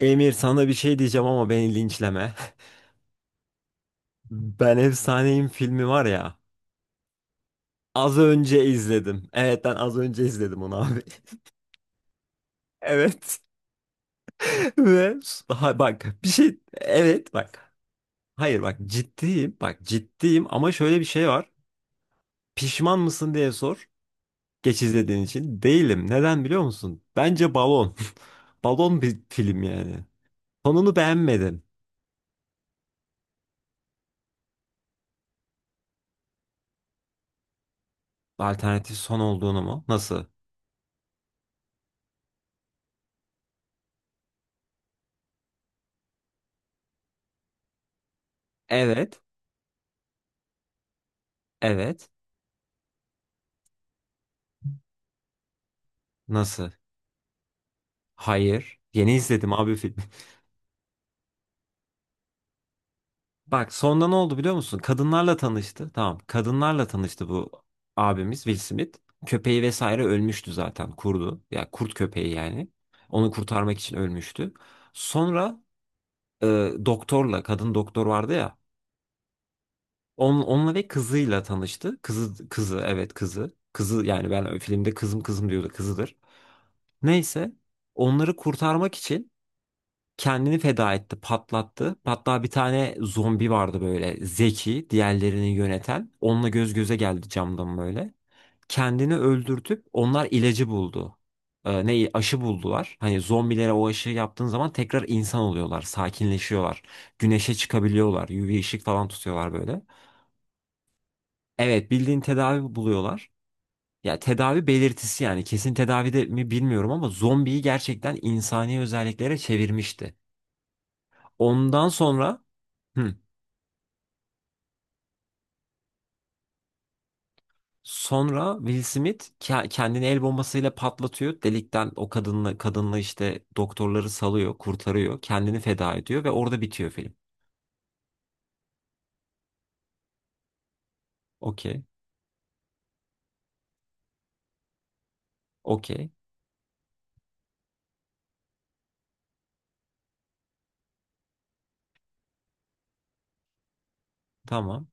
Emir sana bir şey diyeceğim ama beni linçleme. Ben Efsaneyim filmi var ya. Az önce izledim. Evet, ben az önce izledim onu abi. Evet. Ve daha bak bir şey, evet bak. Hayır, bak ciddiyim. Bak ciddiyim ama şöyle bir şey var. Pişman mısın diye sor. Geç izlediğin için. Değilim. Neden biliyor musun? Bence balon. Balon bir film yani. Sonunu beğenmedim. Alternatif son olduğunu mu? Nasıl? Evet. Evet. Nasıl? Hayır. Yeni izledim abi filmi. Bak sonunda ne oldu biliyor musun? Kadınlarla tanıştı. Tamam. Kadınlarla tanıştı bu abimiz Will Smith. Köpeği vesaire ölmüştü zaten. Kurdu. Ya kurt köpeği yani. Onu kurtarmak için ölmüştü. Sonra e, doktorla kadın doktor vardı ya. Onunla ve kızıyla tanıştı. Kızı, evet kızı. Kızı yani ben filmde kızım kızım diyordu, kızıdır. Neyse, onları kurtarmak için kendini feda etti, patlattı. Hatta bir tane zombi vardı böyle zeki, diğerlerini yöneten. Onunla göz göze geldi camdan böyle. Kendini öldürtüp onlar ilacı buldu. Ne aşı buldular. Hani zombilere o aşıyı yaptığın zaman tekrar insan oluyorlar, sakinleşiyorlar. Güneşe çıkabiliyorlar, UV ışık falan tutuyorlar böyle. Evet, bildiğin tedavi buluyorlar. Ya tedavi belirtisi yani, kesin tedavi de mi bilmiyorum, ama zombiyi gerçekten insani özelliklere çevirmişti. Ondan sonra hı. Sonra Will Smith kendini el bombasıyla patlatıyor. Delikten o kadınla işte doktorları salıyor, kurtarıyor, kendini feda ediyor ve orada bitiyor film. Okey. Okey. Tamam.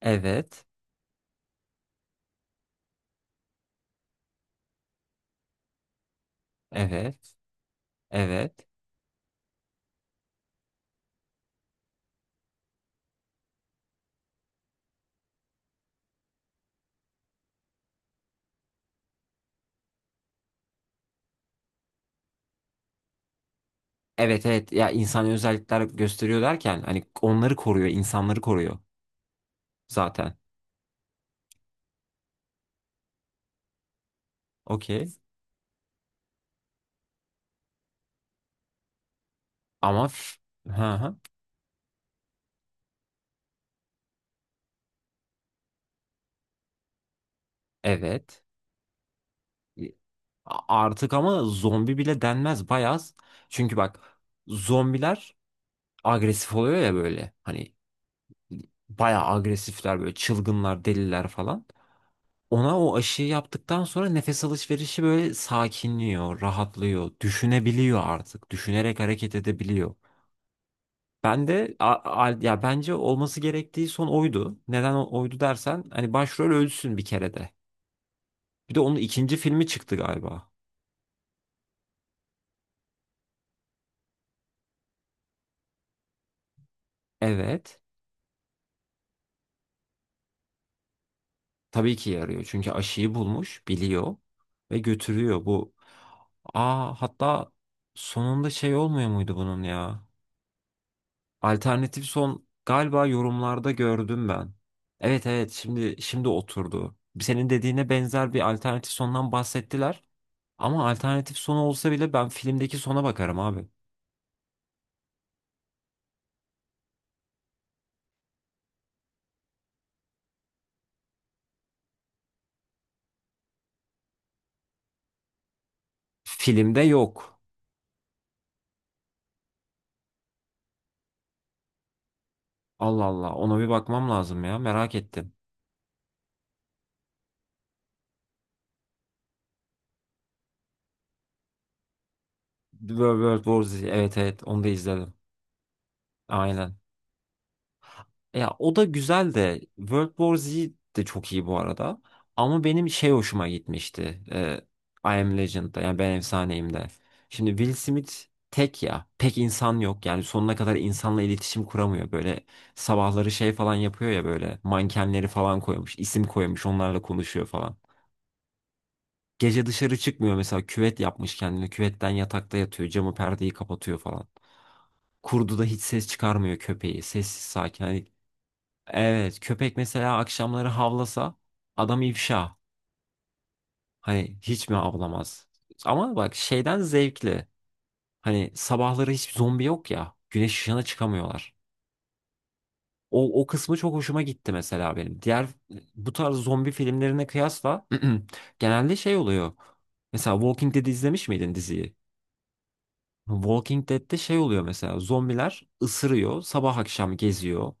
Evet. Evet. Evet. Evet, evet, ya insan özellikler gösteriyor derken hani onları koruyor, insanları koruyor zaten. Okey. Ama hı hı. Evet. E, A- Artık ama zombi bile denmez bayağı. Çünkü bak zombiler agresif oluyor ya böyle, hani bayağı agresifler böyle, çılgınlar, deliler falan. Ona o aşıyı yaptıktan sonra nefes alışverişi böyle sakinliyor, rahatlıyor, düşünebiliyor artık. Düşünerek hareket edebiliyor. Ben de ya bence olması gerektiği son oydu. Neden oydu dersen, hani başrol ölsün bir kere de. Bir de onun ikinci filmi çıktı galiba. Evet. Tabii ki yarıyor. Çünkü aşıyı bulmuş, biliyor ve götürüyor bu. Aa hatta sonunda şey olmuyor muydu bunun ya? Alternatif son galiba yorumlarda gördüm ben. Evet evet, şimdi oturdu. Senin dediğine benzer bir alternatif sondan bahsettiler. Ama alternatif sonu olsa bile ben filmdeki sona bakarım abi. Filmde yok. Allah Allah, ona bir bakmam lazım ya, merak ettim. World War Z, evet evet, onu da izledim. Aynen. Ya o da güzel de World War Z de çok iyi bu arada. Ama benim şey hoşuma gitmişti. E, I Am Legend'da yani ben efsaneyim de. Şimdi Will Smith tek ya. Pek insan yok. Yani sonuna kadar insanla iletişim kuramıyor. Böyle sabahları şey falan yapıyor ya, böyle mankenleri falan koymuş, isim koymuş, onlarla konuşuyor falan. Gece dışarı çıkmıyor mesela, küvet yapmış kendine. Küvetten yatakta yatıyor. Camı, perdeyi kapatıyor falan. Kurdu da hiç ses çıkarmıyor, köpeği. Sessiz sakin. Hani evet, köpek mesela akşamları havlasa adam ifşa. Hani hiç mi havlamaz? Ama bak şeyden zevkli. Hani sabahları hiç zombi yok ya. Güneş ışığına çıkamıyorlar. O kısmı çok hoşuma gitti mesela benim. Diğer bu tarz zombi filmlerine kıyasla genelde şey oluyor. Mesela Walking Dead izlemiş miydin diziyi? Walking Dead'de şey oluyor mesela, zombiler ısırıyor, sabah akşam geziyor.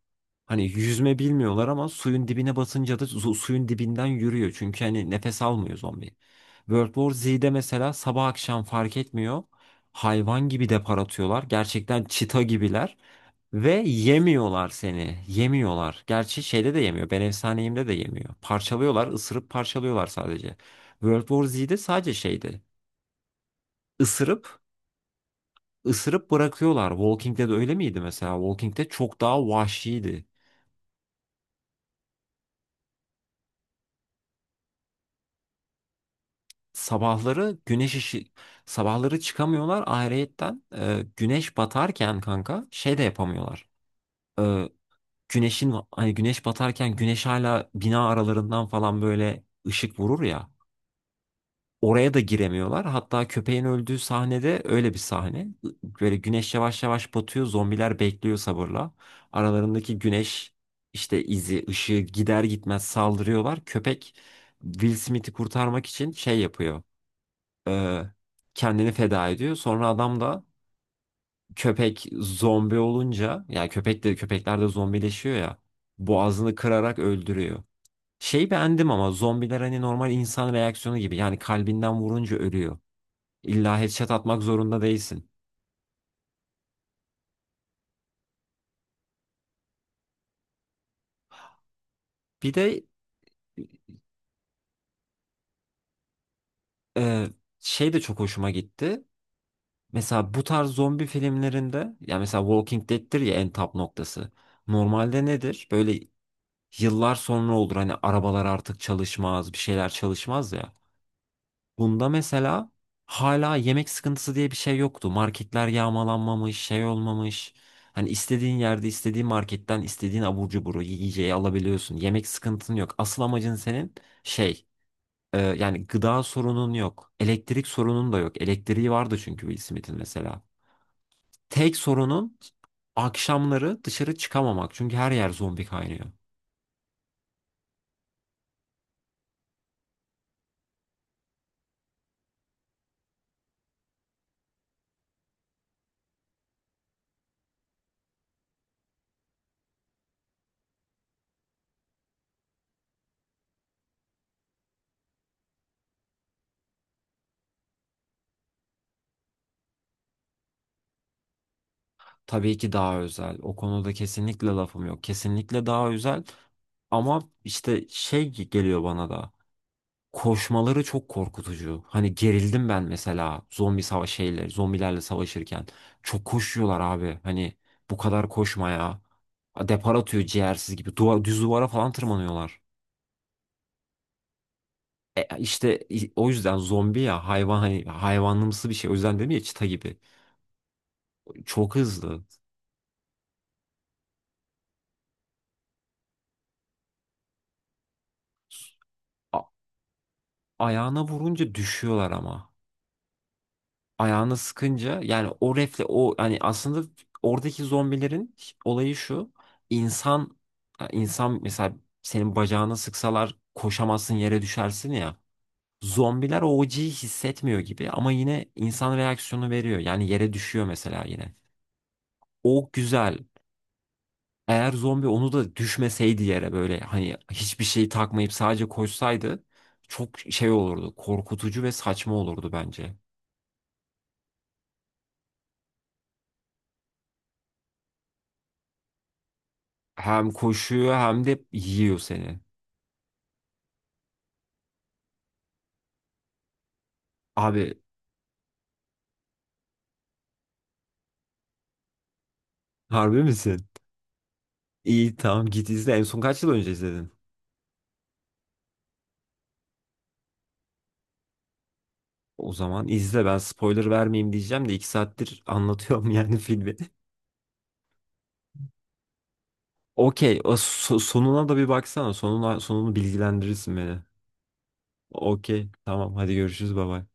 Hani yüzme bilmiyorlar ama suyun dibine basınca da suyun dibinden yürüyor. Çünkü hani nefes almıyor zombi. World War Z'de mesela sabah akşam fark etmiyor. Hayvan gibi depar atıyorlar. Gerçekten çita gibiler. Ve yemiyorlar seni. Yemiyorlar. Gerçi şeyde de yemiyor, ben efsaneyimde de yemiyor. Parçalıyorlar, ısırıp parçalıyorlar sadece. World War Z'de sadece şeydi. Isırıp ısırıp bırakıyorlar. Walking Dead öyle miydi mesela? Walking Dead çok daha vahşiydi. Sabahları güneş ışı Sabahları çıkamıyorlar, ayrıyetten güneş batarken kanka şey de yapamıyorlar. E, güneşin hani güneş batarken güneş hala bina aralarından falan böyle ışık vurur ya. Oraya da giremiyorlar. Hatta köpeğin öldüğü sahnede öyle bir sahne. Böyle güneş yavaş yavaş batıyor. Zombiler bekliyor sabırla. Aralarındaki güneş işte ışığı gider gitmez saldırıyorlar. Köpek Will Smith'i kurtarmak için şey yapıyor. e, Kendini feda ediyor. Sonra adam da köpek zombi olunca, yani köpek de, köpekler de zombileşiyor ya, boğazını kırarak öldürüyor. Şey beğendim ama, zombiler hani normal insan reaksiyonu gibi. Yani kalbinden vurunca ölüyor. İlla headshot atmak zorunda değilsin. Bir de e, şey de çok hoşuma gitti. Mesela bu tarz zombi filmlerinde ya, mesela Walking Dead'tir ya en tap noktası. Normalde nedir? Böyle yıllar sonra olur, hani arabalar artık çalışmaz, bir şeyler çalışmaz ya. Bunda mesela hala yemek sıkıntısı diye bir şey yoktu. Marketler yağmalanmamış, şey olmamış. Hani istediğin yerde, istediğin marketten istediğin abur cuburu, yiyeceği alabiliyorsun. Yemek sıkıntın yok. Asıl amacın senin şey, yani gıda sorunun yok. Elektrik sorunun da yok. Elektriği vardı çünkü Will Smith'in mesela. Tek sorunun akşamları dışarı çıkamamak. Çünkü her yer zombi kaynıyor. Tabii ki daha özel. O konuda kesinlikle lafım yok. Kesinlikle daha özel. Ama işte şey geliyor bana da. Koşmaları çok korkutucu. Hani gerildim ben mesela, zombilerle savaşırken. Çok koşuyorlar abi. Hani bu kadar koşma ya. Depar atıyor ciğersiz gibi. Düz duvara falan tırmanıyorlar. O yüzden zombi ya, hayvan, hani hayvanlımsı bir şey. O yüzden dedim ya, çita gibi. Çok hızlı. A- Ayağına vurunca düşüyorlar ama. Ayağını sıkınca yani o refle, o yani aslında oradaki zombilerin olayı şu: insan, ya insan mesela, senin bacağına sıksalar koşamazsın, yere düşersin ya, zombiler o acıyı hissetmiyor gibi ama yine insan reaksiyonu veriyor, yani yere düşüyor mesela yine. O güzel. Eğer zombi onu da düşmeseydi yere, böyle hani hiçbir şey takmayıp sadece koşsaydı, çok şey olurdu, korkutucu ve saçma olurdu bence. Hem koşuyor hem de yiyor seni. Abi, harbi misin? İyi tamam, git izle. En son kaç yıl önce izledin? O zaman izle, ben spoiler vermeyeyim diyeceğim de iki saattir anlatıyorum yani filmi. Okey, o sonuna da bir baksana. Sonuna, sonunu bilgilendirirsin beni. Okey tamam, hadi görüşürüz baba.